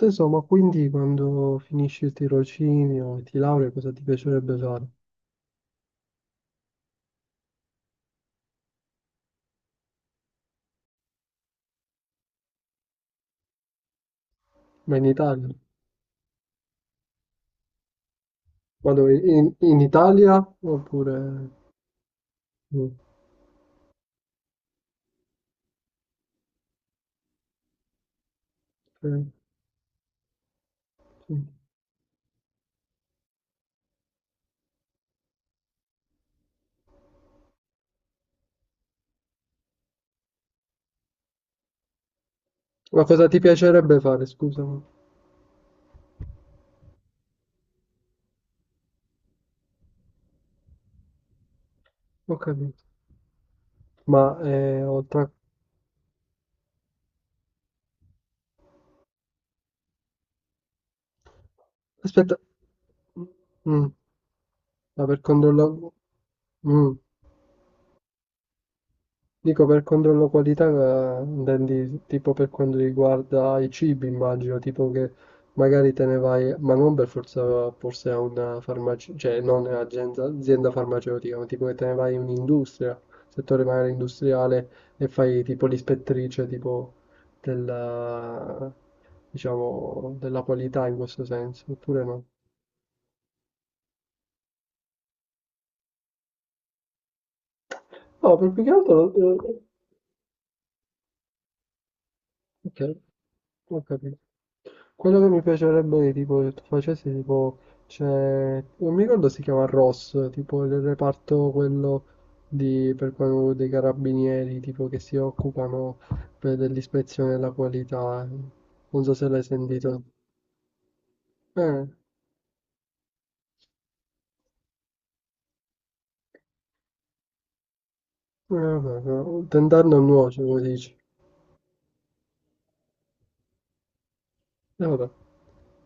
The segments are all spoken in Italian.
Insomma, quindi quando finisci il tirocinio e ti laurei, cosa ti piacerebbe fare? Ma in Italia? Ma dove? In Italia? Oppure... mm, ok, sì. Ma cosa ti piacerebbe fare? Scusami, ho capito. Ma eh, oltre... a- Aspetta. Mm, mm, ma per controllare... Mm. Dico per controllo qualità, intendi tipo per quanto riguarda i cibi, immagino, tipo che magari te ne vai, ma non per forza forse a una farmacia, cioè non un'azienda azienda farmaceutica, ma tipo che te ne vai in un'industria, settore magari industriale, e fai tipo l'ispettrice tipo della, diciamo, della qualità in questo senso, oppure no? No, per più che altro... Ok. Ho capito. Quello che mi piacerebbe che tipo, che tu facessi, tipo, c'è... non mi ricordo si chiama ROS, tipo il reparto quello di, per quello dei carabinieri, tipo che si occupano dell'ispezione della qualità. Non so se l'hai sentito. Eh, eh, Vabbè, no, tentar non nuoce, come dici. E vabbè,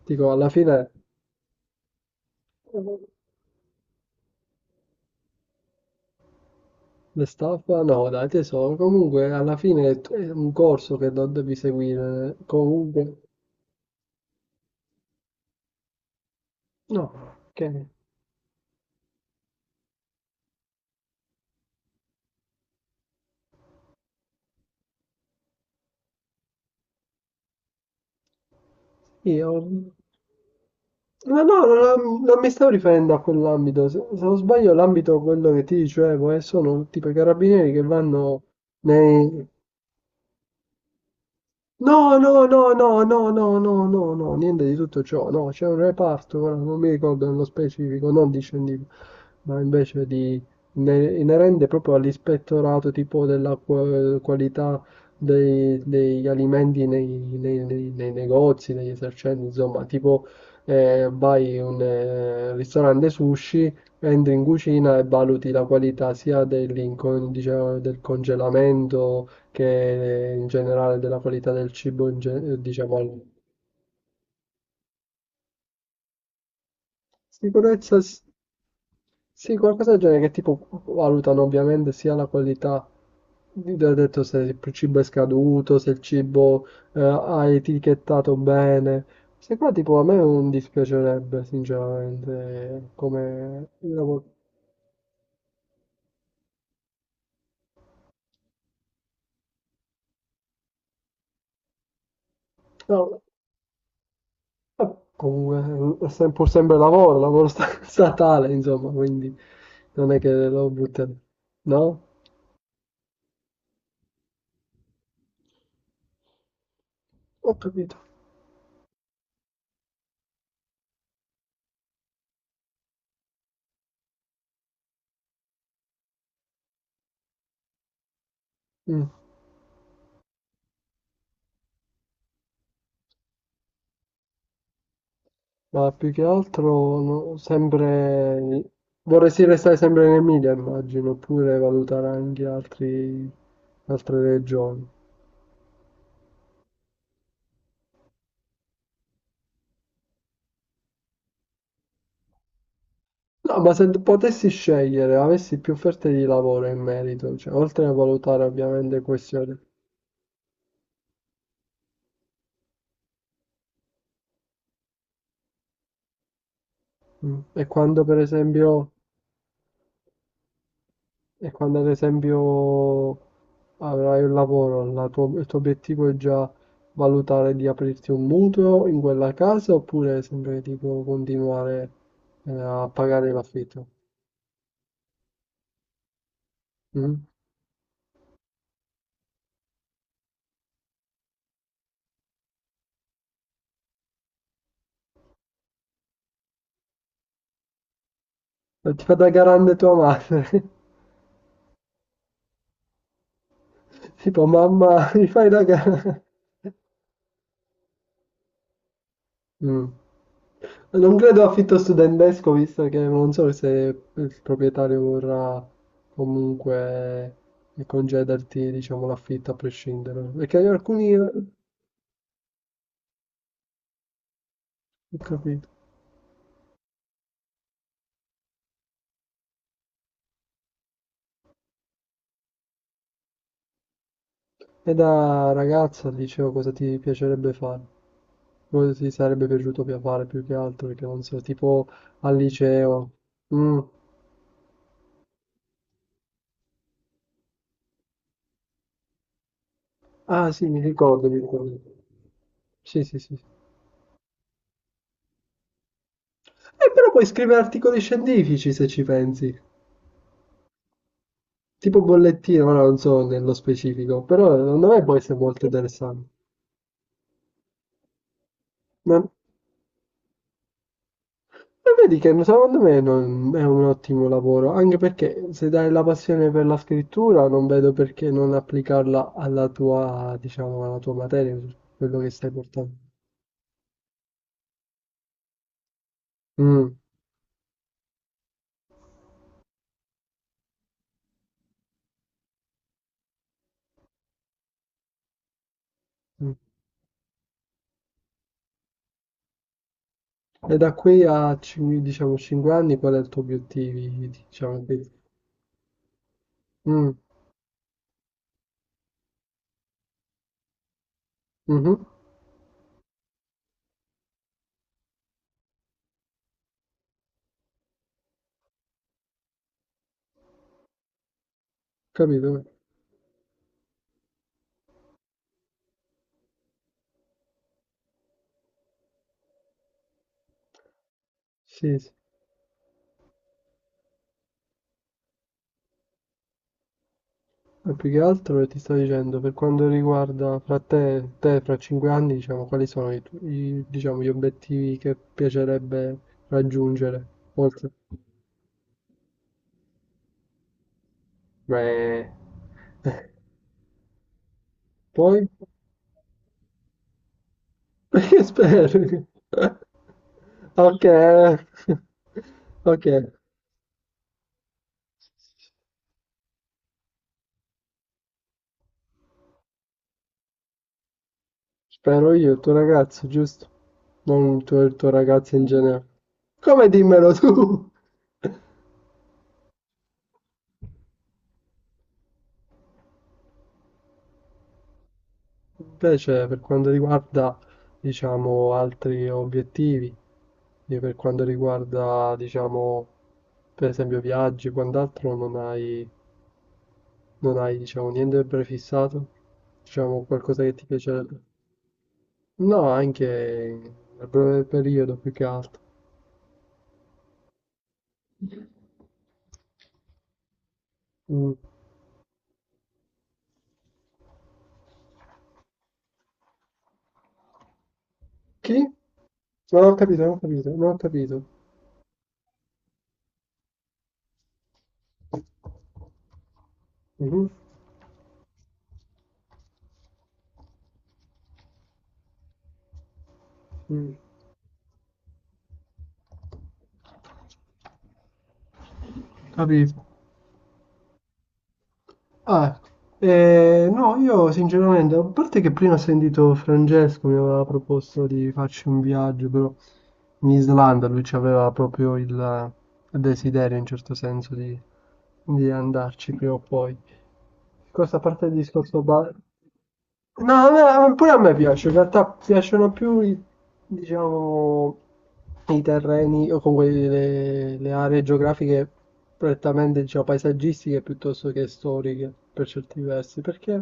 dico, alla fine... Le staffa? No, dai, tesoro. Comunque, alla fine è un corso che non devi seguire. Comunque... No, okay. Io... No, no, non mi stavo riferendo a quell'ambito. Se non sbaglio, l'ambito quello che ti dicevo, sono tipo i carabinieri che vanno nei, No, no, no, no, no, no, no, no, no, niente di tutto ciò, no, c'è un reparto, ora non mi ricordo nello specifico, non discendivo, ma invece di inerente proprio all'ispettorato tipo della qualità degli alimenti nei negozi, degli esercenti, insomma, tipo vai in un ristorante sushi, entri in cucina e valuti la qualità sia diciamo, del congelamento che in generale della qualità del cibo, diciamo, sicurezza, sì, qualcosa del genere che tipo valutano ovviamente sia la qualità, ho detto se il cibo è scaduto, se il cibo ha etichettato bene, se qua tipo a me non dispiacerebbe sinceramente come lavoro. No, comunque è pur sempre lavoro, statale insomma, quindi non è che lo butterò, no? Ho capito. Mm. Ma più che altro, no, sempre... Vorresti restare sempre in Emilia, immagino, oppure valutare anche altre regioni. No, ma se potessi scegliere, avessi più offerte di lavoro in merito, cioè, oltre a valutare ovviamente questioni. Mm. E quando ad esempio avrai un lavoro, il tuo obiettivo è già valutare di aprirti un mutuo in quella casa oppure sempre tipo continuare a pagare l'affitto? Mm? E ti fa da garante tua madre, tipo mamma, mi fai da garante. Mm. Non credo affitto studentesco, visto che non so se il proprietario vorrà comunque concederti, diciamo, l'affitto a prescindere. Perché alcuni... Ho capito. E da ragazza al liceo cosa ti piacerebbe fare? Cosa ti sarebbe piaciuto fare più che altro? Perché non so, tipo al liceo. Mm. Ah sì, mi ricordo, mi ricordo. Sì, sì, sì. Però puoi scrivere articoli scientifici se ci pensi. Tipo bollettino, ma non so nello specifico. Però secondo me può essere molto interessante. Ma E vedi che secondo me è un ottimo lavoro, anche perché se dai la passione per la scrittura, non vedo perché non applicarla alla tua, diciamo, alla tua materia, su quello che stai portando. Mm, mm. E da qui a, diciamo, 5 anni, qual è il tuo obiettivo? Diciamo, che- Mm, mhm, capito? Sì, sì. Ma più che altro ti sto dicendo, per quanto riguarda fra te, te fra 5 anni, diciamo, quali sono diciamo, gli obiettivi che piacerebbe raggiungere? Oltre. Beh, poi? Perché spero? Ok, ok, spero io, il tuo ragazzo, giusto? Non il tuo, il tuo ragazzo in generale. Come dimmelo tu? Invece, per quanto riguarda, diciamo, altri obiettivi, e per quanto riguarda, diciamo, per esempio viaggi, quant'altro, non hai, diciamo, niente prefissato? Diciamo qualcosa che ti piacerebbe? No, anche nel breve periodo più che altro. Mm. Chi? No, non ho capito, non ho capito, non ho capito. Mhm, mm, Capito. Ah, no, io sinceramente, a parte che prima ho sentito Francesco mi aveva proposto di farci un viaggio, però in Islanda lui aveva proprio il desiderio in certo senso di andarci prima o poi. Questa parte del discorso bar... No, a pure a me piace, in realtà piacciono più i, diciamo, i terreni o comunque le aree geografiche prettamente, diciamo, paesaggistiche piuttosto che storiche per certi versi, perché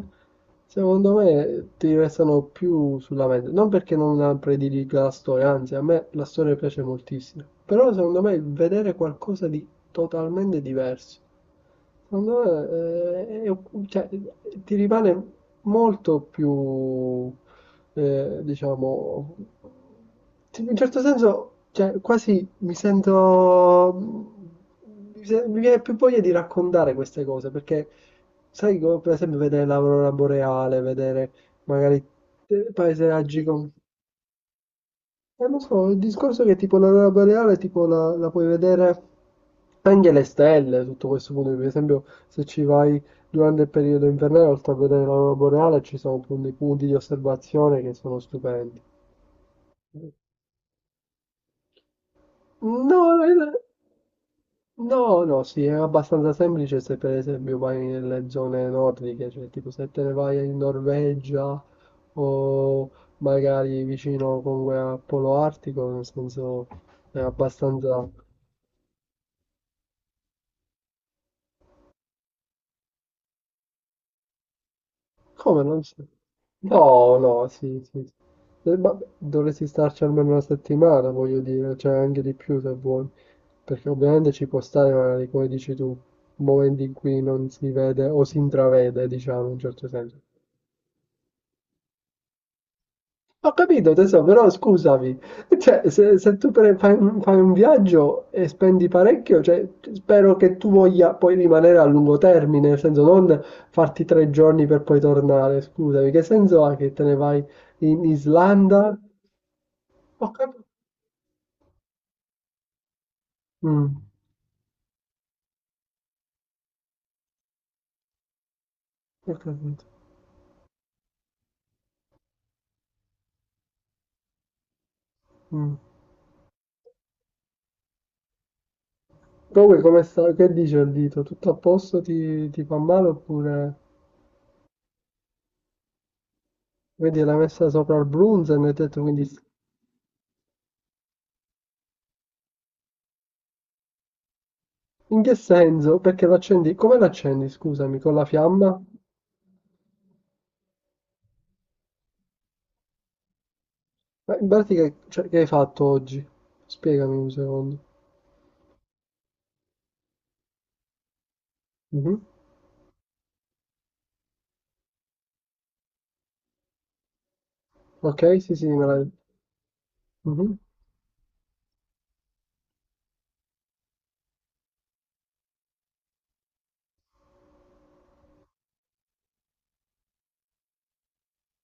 secondo me ti restano più sulla mente, non perché non la prediliga la storia, anzi a me la storia piace moltissimo, però secondo me vedere qualcosa di totalmente diverso. Secondo me, cioè, ti rimane molto più, diciamo, in un certo senso, cioè, quasi mi sento, mi se- mi viene più voglia di raccontare queste cose, perché sai, come per esempio vedere l'aurora boreale, vedere magari paesaggi con lo so, il discorso è che tipo l'aurora boreale tipo la puoi vedere anche le stelle, tutto questo punto, per esempio se ci vai durante il periodo invernale, oltre a vedere l'aurora boreale, ci sono appunto dei punti di osservazione che sono stupendi. No, no, no, no, sì, è abbastanza semplice se per esempio vai nelle zone nordiche, cioè tipo se te ne vai in Norvegia o magari vicino comunque al polo artico, nel senso è abbastanza... Come non c'è? No, no, sì, sì. Sì. Ma dovresti starci almeno una settimana, voglio dire, cioè anche di più se vuoi. Perché ovviamente ci può stare, magari, come dici tu, momenti in cui non si vede o si intravede, diciamo, in un certo senso. Ho capito tesoro, però scusami, cioè, se tu fai un viaggio e spendi parecchio, cioè, spero che tu voglia poi rimanere a lungo termine, nel senso non farti 3 giorni per poi tornare, scusami, che senso ha che te ne vai in Islanda? Ho capito. Mm, ho capito. Mm. Comunque, come sta, che dice il dito? Tutto a posto? Ti fa male oppure vedi l'ha messa sopra il Brunzen e hai detto quindi... In che senso? Perché l'accendi? Come l'accendi, scusami, con la fiamma? Ma in pratica che, cioè, che hai fatto oggi? Spiegami un secondo. Mhm. Ok, sì, sì, me l'hai. Mhm,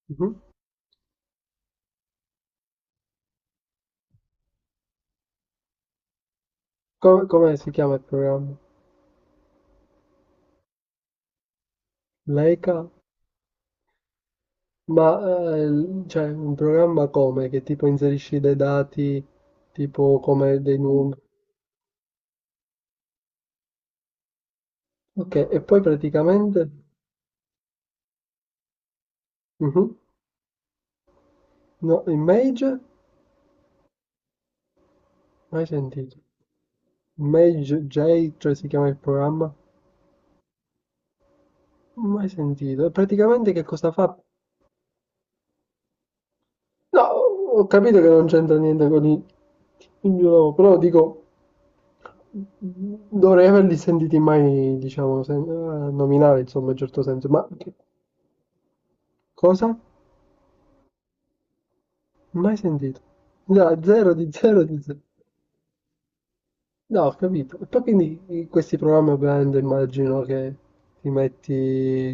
mhm. Come si chiama il programma? Leica? Ma cioè, un programma come? Che tipo inserisci dei dati, tipo come dei numeri. Ok, e poi praticamente. Mhm. No, Image? Mai sentito. Image J, cioè si chiama il programma? Mai sentito. E praticamente che cosa fa? No, ho capito che non c'entra niente con i. Io però dico, dovrei averli sentiti mai, diciamo, nominare, insomma, in un certo senso, ma che cosa? Mai sentito. No, zero di zero di zero. No, ho capito. E poi quindi in questi programmi ovviamente immagino che ti metti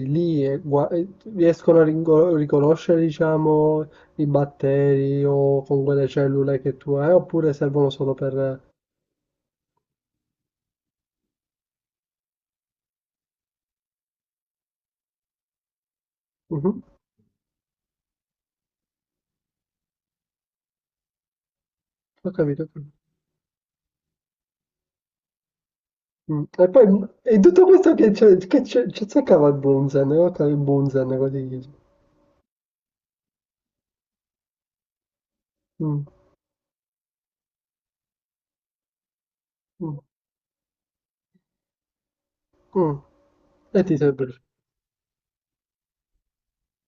lì e, e riescono a riconoscere, diciamo, i batteri o con quelle cellule che tu hai, oppure servono solo per... Mhm, Ho capito. Mm. E poi e tutto questo che c'è cercava il Bunzen, guarda il Bunzen, così dice. Mm, mm, mm. E ti serve.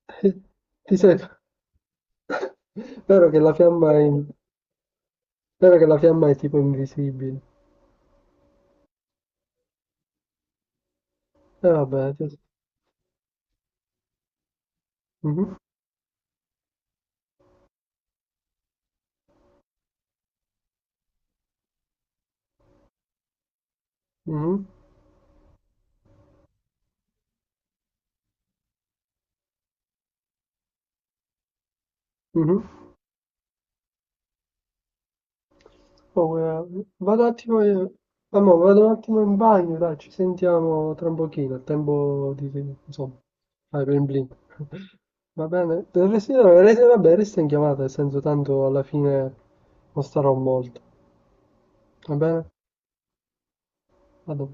Ti serve. Vero che la fiamma è, in- vero che la fiamma è tipo invisibile. E vabbè. Mhm, mhm, mhm. Oh, vado un attimo, in- amore, vado un attimo in bagno, dai, ci sentiamo tra un pochino, a tempo di, insomma, fare blin blin. Va bene? Vabbè, resta in chiamata, nel senso tanto alla fine non starò molto. Va bene? Vado.